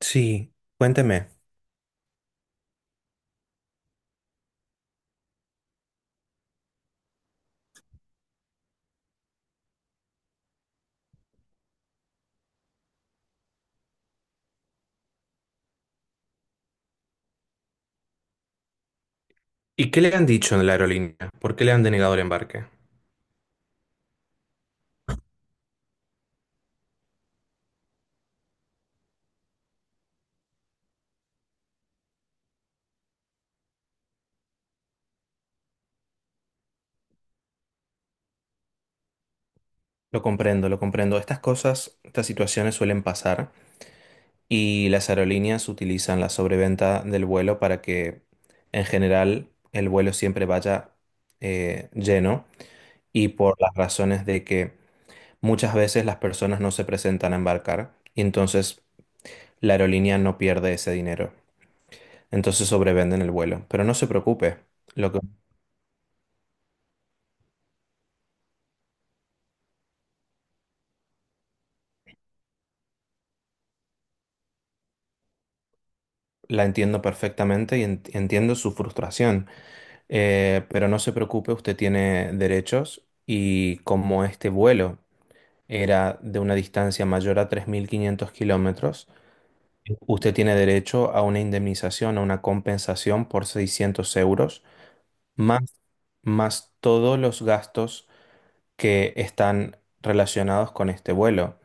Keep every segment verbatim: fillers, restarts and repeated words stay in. Sí, cuénteme. ¿Y qué le han dicho en la aerolínea? ¿Por qué le han denegado el embarque? Lo comprendo, lo comprendo. Estas cosas, estas situaciones suelen pasar y las aerolíneas utilizan la sobreventa del vuelo para que, en general, el vuelo siempre vaya eh, lleno y por las razones de que muchas veces las personas no se presentan a embarcar y entonces la aerolínea no pierde ese dinero. Entonces sobrevenden el vuelo. Pero no se preocupe. Lo que La entiendo perfectamente y en- entiendo su frustración. Eh, pero no se preocupe, usted tiene derechos y como este vuelo era de una distancia mayor a tres mil quinientos kilómetros, usted tiene derecho a una indemnización, a una compensación por seiscientos euros, más, más todos los gastos que están relacionados con este vuelo.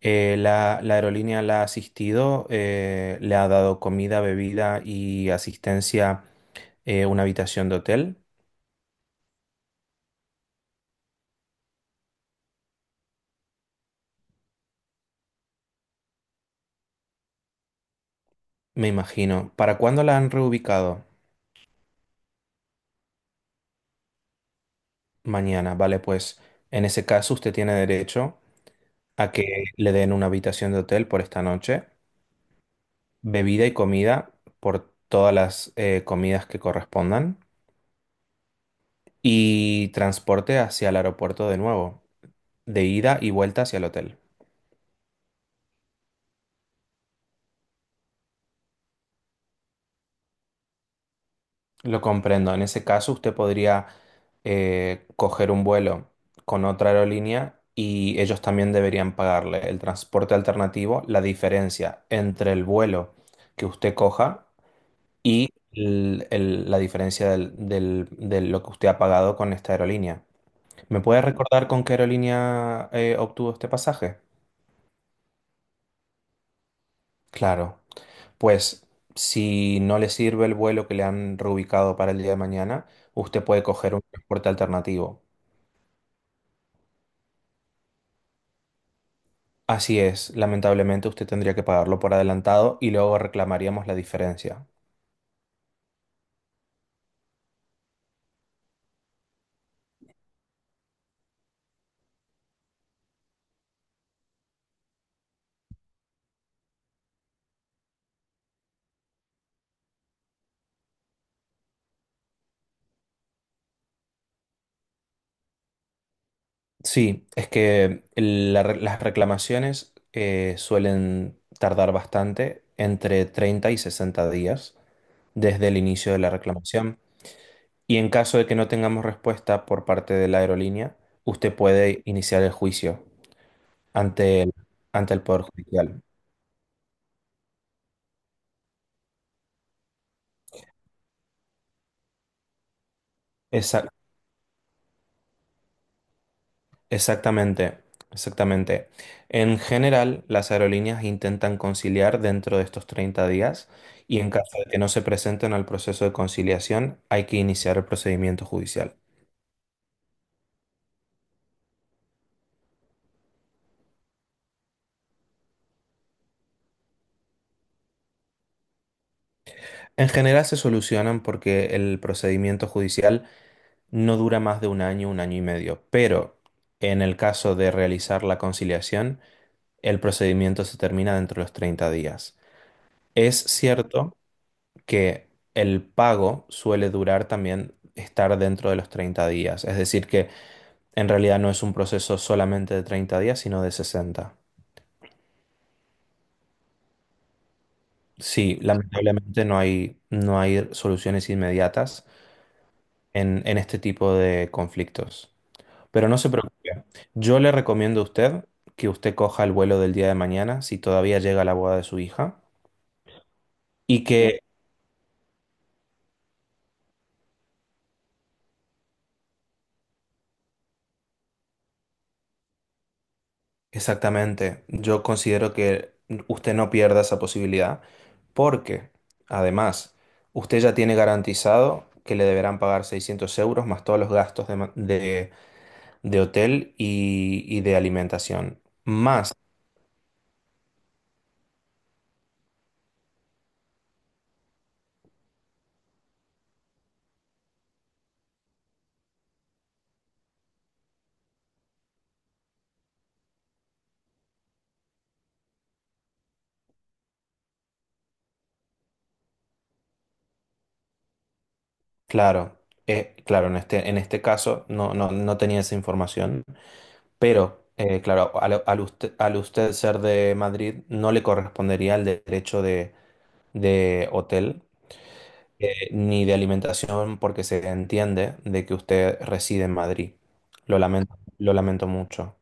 Eh, la, la aerolínea la ha asistido, eh, le ha dado comida, bebida y asistencia, eh, una habitación de hotel, me imagino. ¿Para cuándo la han reubicado? Mañana, vale, pues en ese caso usted tiene derecho a que le den una habitación de hotel por esta noche, bebida y comida por todas las eh, comidas que correspondan y transporte hacia el aeropuerto de nuevo, de ida y vuelta hacia el hotel. Lo comprendo. En ese caso, usted podría eh, coger un vuelo con otra aerolínea y ellos también deberían pagarle el transporte alternativo, la diferencia entre el vuelo que usted coja y el- el- la diferencia del- del- de lo que usted ha pagado con esta aerolínea. ¿Me puede recordar con qué aerolínea eh, obtuvo este pasaje? Claro. Pues si no le sirve el vuelo que le han reubicado para el día de mañana, usted puede coger un transporte alternativo. Así es, lamentablemente usted tendría que pagarlo por adelantado y luego reclamaríamos la diferencia. Sí, es que la re- las reclamaciones eh, suelen tardar bastante, entre treinta y sesenta días desde el inicio de la reclamación. Y en caso de que no tengamos respuesta por parte de la aerolínea, usted puede iniciar el juicio ante el, ante el Poder Judicial. Esa- Exactamente, exactamente. En general, las aerolíneas intentan conciliar dentro de estos treinta días y en caso de que no se presenten al proceso de conciliación, hay que iniciar el procedimiento judicial. En general se solucionan porque el procedimiento judicial no dura más de un año, un año y medio, pero en el caso de realizar la conciliación, el procedimiento se termina dentro de los treinta días. Es cierto que el pago suele durar también estar dentro de los treinta días. Es decir, que en realidad no es un proceso solamente de treinta días, sino de sesenta. Sí, lamentablemente no hay, no hay soluciones inmediatas en, en este tipo de conflictos. Pero no se preocupe. Yo le recomiendo a usted que usted coja el vuelo del día de mañana, si todavía llega la boda de su hija, y que... Exactamente. Yo considero que usted no pierda esa posibilidad porque, además, usted ya tiene garantizado que le deberán pagar seiscientos euros más todos los gastos de, ma- de- de hotel y, y de alimentación. Más, claro, eh, claro, en este, en este caso no, no, no tenía esa información, pero, eh, claro, al, al usted, al usted ser de Madrid no le correspondería el derecho de de hotel eh, ni de alimentación porque se entiende de que usted reside en Madrid. Lo lamento, lo lamento mucho.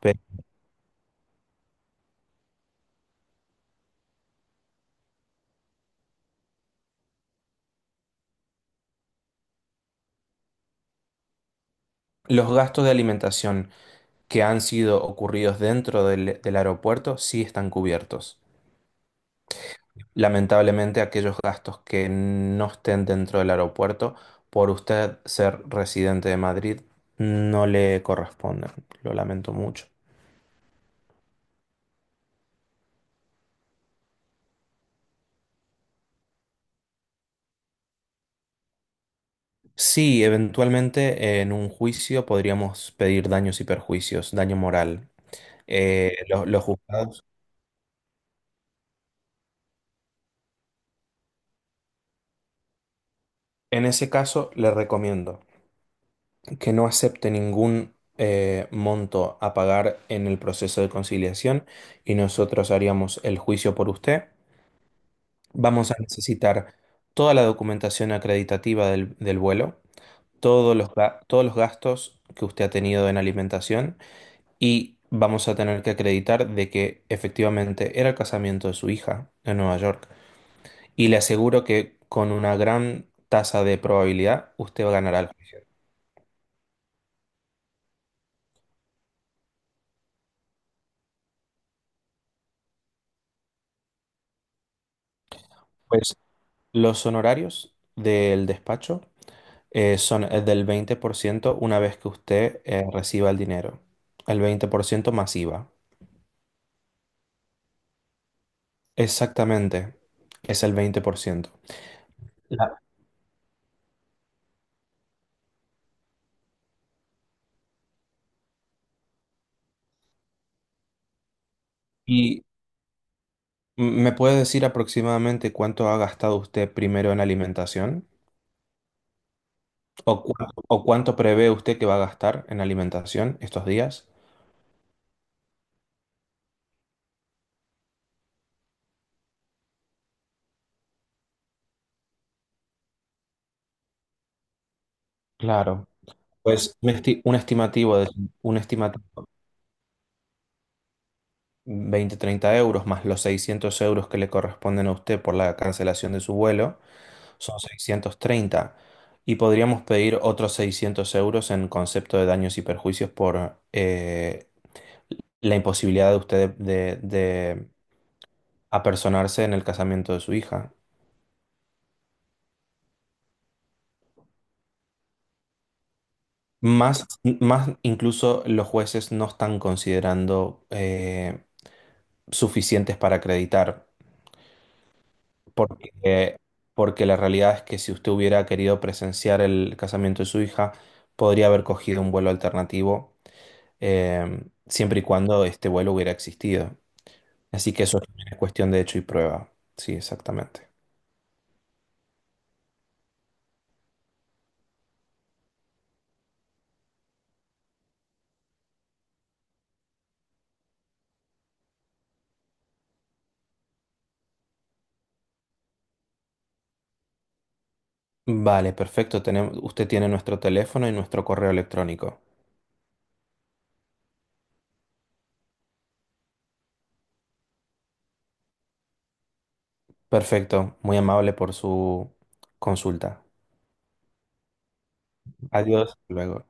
Pero los gastos de alimentación que han sido ocurridos dentro del, del aeropuerto sí están cubiertos. Lamentablemente, aquellos gastos que no estén dentro del aeropuerto, por usted ser residente de Madrid, no le corresponden. Lo lamento mucho. Sí, eventualmente en un juicio podríamos pedir daños y perjuicios, daño moral. Eh, lo- los juzgados, en ese caso, le recomiendo que no acepte ningún eh, monto a pagar en el proceso de conciliación y nosotros haríamos el juicio por usted. Vamos a necesitar toda la documentación acreditativa del, del vuelo, todos los, ga- todos los gastos que usted ha tenido en alimentación y vamos a tener que acreditar de que efectivamente era el casamiento de su hija en Nueva York, y le aseguro que con una gran tasa de probabilidad usted ganará el juicio. Pues los honorarios del despacho eh, son el del veinte por ciento una vez que usted eh, reciba el dinero. El veinte por ciento más IVA. Exactamente, es el veinte por ciento. La- ¿Y me puede decir aproximadamente cuánto ha gastado usted primero en alimentación? ¿O cuánto, o cuánto prevé usted que va a gastar en alimentación estos días? Claro. Pues un esti- un estimativo de un estimativo veinte-treinta euros más los seiscientos euros que le corresponden a usted por la cancelación de su vuelo son seiscientos treinta y podríamos pedir otros seiscientos euros en concepto de daños y perjuicios por eh, la imposibilidad de usted de, de apersonarse en el casamiento de su hija. Más, más incluso los jueces no están considerando eh, suficientes para acreditar. Porque, porque la realidad es que si usted hubiera querido presenciar el casamiento de su hija, podría haber cogido un vuelo alternativo, eh, siempre y cuando este vuelo hubiera existido. Así que eso también es cuestión de hecho y prueba. Sí, exactamente. Vale, perfecto. Tenemos, usted tiene nuestro teléfono y nuestro correo electrónico. Perfecto. Muy amable por su consulta. Adiós. Hasta luego.